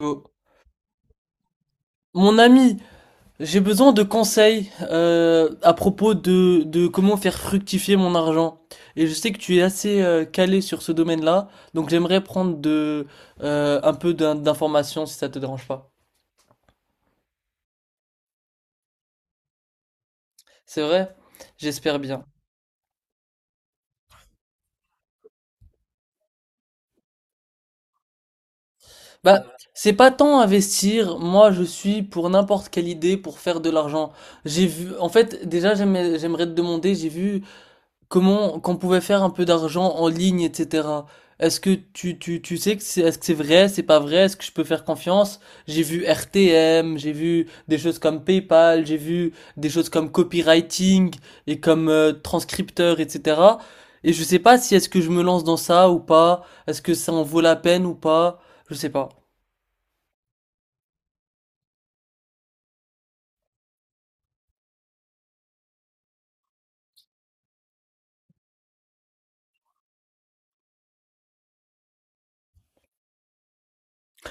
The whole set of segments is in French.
Oh. Mon ami, j'ai besoin de conseils à propos de comment faire fructifier mon argent. Et je sais que tu es assez calé sur ce domaine-là, donc j'aimerais prendre un peu d'informations si ça te dérange pas. C'est vrai? J'espère bien. Bah, c'est pas tant investir, moi je suis pour n'importe quelle idée pour faire de l'argent. J'ai vu, en fait, déjà j'aimerais te demander, j'ai vu comment qu'on pouvait faire un peu d'argent en ligne, etc. Est-ce que tu sais que est-ce que c'est vrai, c'est pas vrai, est-ce que je peux faire confiance? J'ai vu RTM, j'ai vu des choses comme PayPal, j'ai vu des choses comme copywriting et comme transcripteur, etc. Et je sais pas si est-ce que je me lance dans ça ou pas, est-ce que ça en vaut la peine ou pas, je sais pas.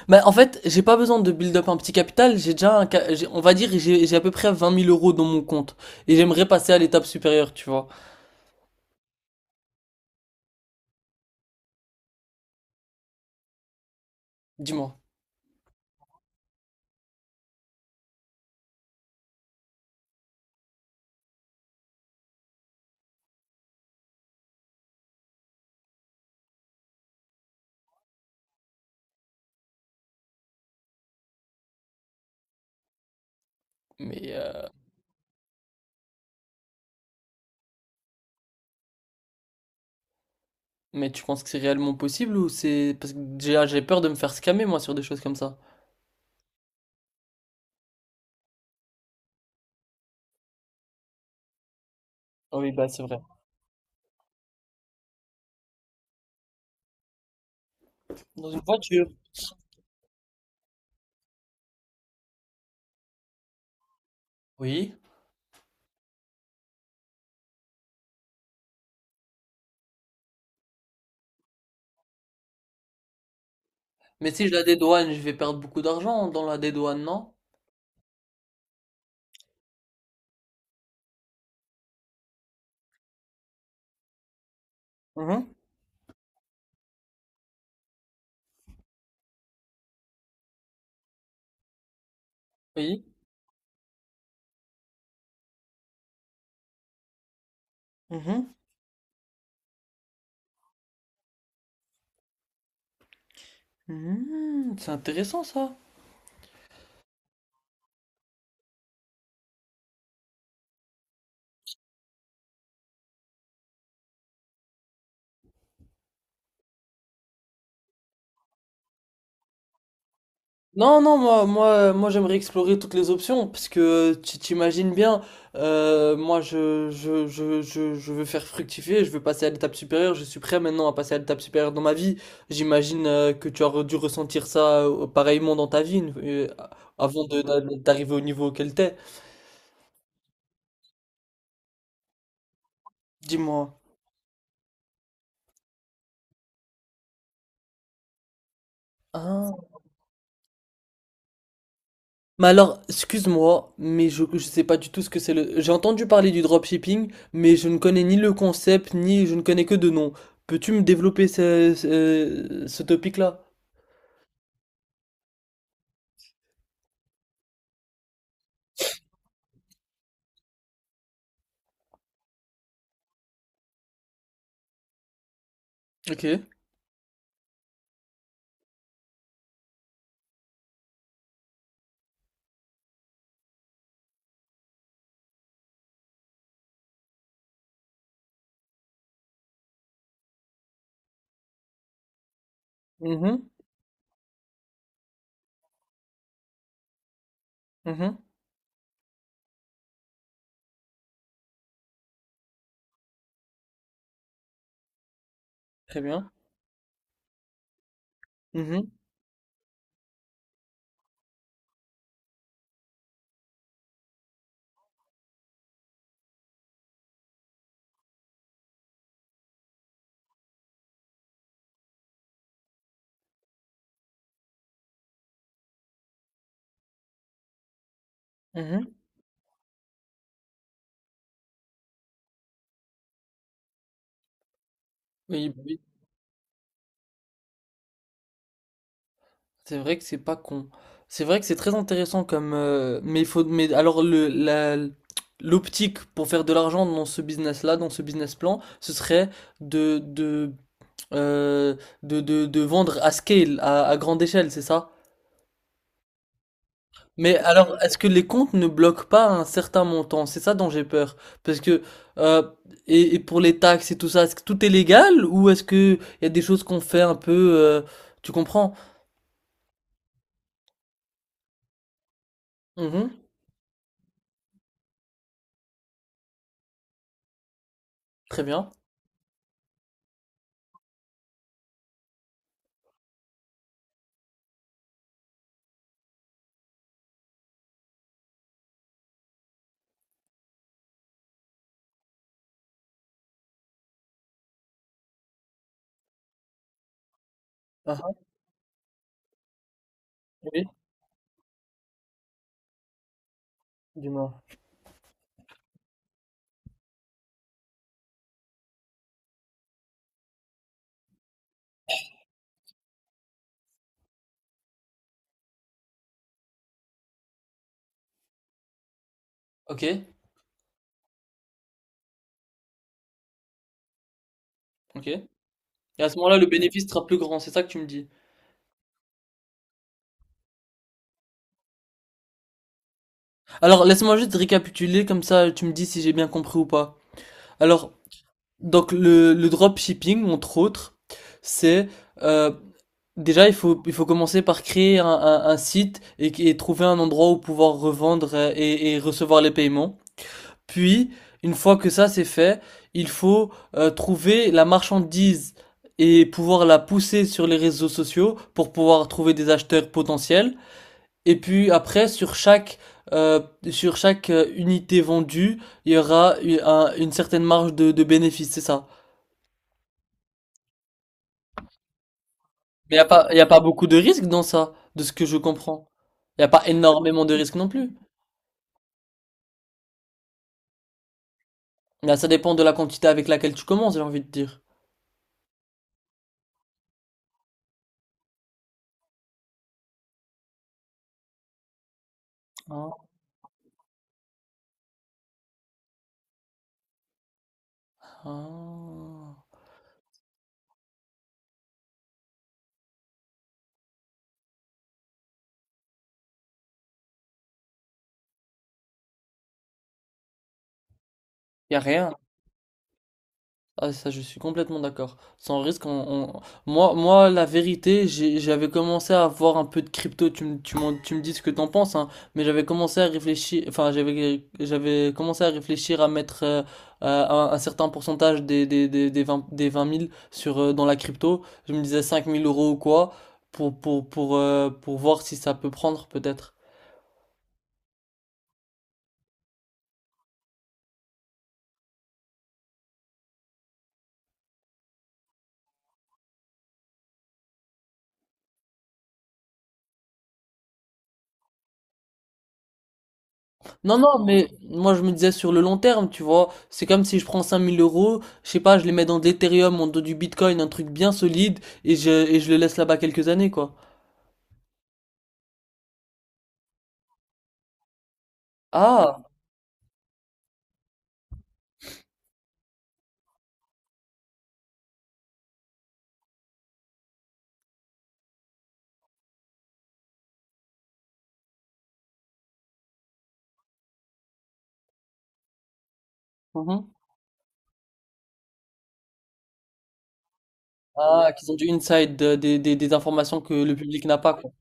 Mais en fait, j'ai pas besoin de build up un petit capital, j'ai déjà on va dire, j'ai à peu près 20 000 euros dans mon compte. Et j'aimerais passer à l'étape supérieure, tu vois. Dis-moi. Mais, euh, mais tu penses que c'est réellement possible ou c'est. Parce que déjà, j'ai peur de me faire scammer, moi, sur des choses comme ça. Ah oui, bah c'est vrai. Dans une voiture. Oui. Mais si je la dédouane, je vais perdre beaucoup d'argent dans la dédouane, non? Mhm. Oui. Mhm. Mhm. C'est intéressant, ça. Non, non, moi, j'aimerais explorer toutes les options parce que tu t'imagines bien, moi, je veux faire fructifier, je veux passer à l'étape supérieure, je suis prêt maintenant à passer à l'étape supérieure dans ma vie. J'imagine que tu dû ressentir ça pareillement dans ta vie avant d'arriver au niveau auquel t'es. Dis-moi. Ah. Mais alors, excuse-moi, mais je ne sais pas du tout ce que c'est le. J'ai entendu parler du dropshipping, mais je ne connais ni le concept, ni je ne connais que de nom. Peux-tu me développer ce topic-là? Ok. Mhm, mhm. Très bien. Mhm, mhm. Oui, bah oui. C'est vrai que c'est pas con. C'est vrai que c'est très intéressant mais il faut. Mais alors, le, la, l'optique pour faire de l'argent dans ce business-là, dans ce business plan, ce serait de euh, de vendre à scale, à grande échelle, c'est ça? Mais alors, est-ce que les comptes ne bloquent pas un certain montant? C'est ça dont j'ai peur. Parce que, euh, et pour les taxes et tout ça, est-ce que tout est légal ou est-ce que il y a des choses qu'on fait un peu, euh, tu comprends? Mhm. Très bien. Ah ah, oui, dis-moi. Ok, ok. Et à ce moment-là, le bénéfice sera plus grand, c'est ça que tu me dis. Alors, laisse-moi juste récapituler, comme ça tu me dis si j'ai bien compris ou pas. Alors, donc le dropshipping, entre autres, c'est euh, déjà il faut commencer par créer un site et trouver un endroit où pouvoir revendre et recevoir les paiements. Puis une fois que ça c'est fait, il faut trouver la marchandise et pouvoir la pousser sur les réseaux sociaux pour pouvoir trouver des acheteurs potentiels. Et puis après euh, sur chaque unité vendue, il y aura une certaine marge de bénéfice, c'est ça. Mais y a pas beaucoup de risques dans ça, de ce que je comprends. Y a pas énormément de risques non plus. Là, ça dépend de la quantité avec laquelle tu commences, j'ai envie de dire. Ah, ah. Y a rien. Ah ça je suis complètement d'accord. Sans risque, on- moi la vérité, j'avais commencé à avoir un peu de crypto. Tu me dis ce que t'en penses, hein, mais j'avais commencé à réfléchir, enfin j'avais commencé à réfléchir à mettre un certain pourcentage des 20, des 20 000 sur dans la crypto. Je me disais 5 000 euros ou quoi pour voir si ça peut prendre peut-être. Non, non, mais moi je me disais sur le long terme, tu vois, c'est comme si je prends 5 000 euros, je sais pas, je les mets dans de l'Ethereum, en dans du Bitcoin, un truc bien solide, et je le laisse là-bas quelques années, quoi. Ah, mhm. Ah, qu'ils ont du inside, des informations que le public n'a pas, quoi.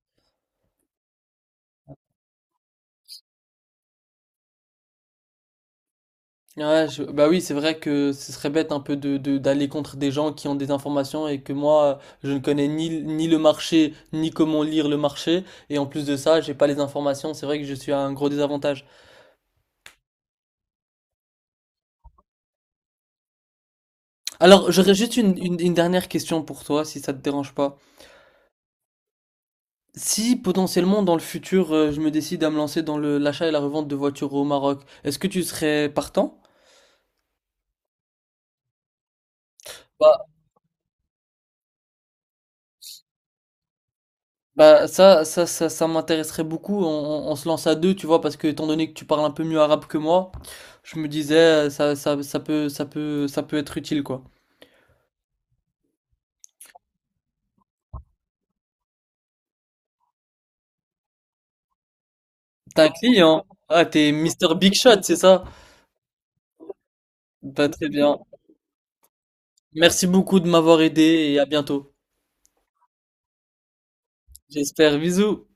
Ouais, bah oui, c'est vrai que ce serait bête un peu d'aller contre des gens qui ont des informations et que moi, je ne connais ni le marché, ni comment lire le marché, et en plus de ça, j'ai pas les informations, c'est vrai que je suis à un gros désavantage. Alors, j'aurais juste une dernière question pour toi, si ça te dérange pas. Si potentiellement dans le futur, je me décide à me lancer dans l'achat et la revente de voitures au Maroc, est-ce que tu serais partant? Bah, ça m'intéresserait beaucoup. On se lance à deux, tu vois, parce que étant donné que tu parles un peu mieux arabe que moi, je me disais, ça peut être utile, quoi. T'as un client? Ah, t'es Mister Big Shot, c'est ça? Bah, très bien. Merci beaucoup de m'avoir aidé et à bientôt. J'espère. Bisous.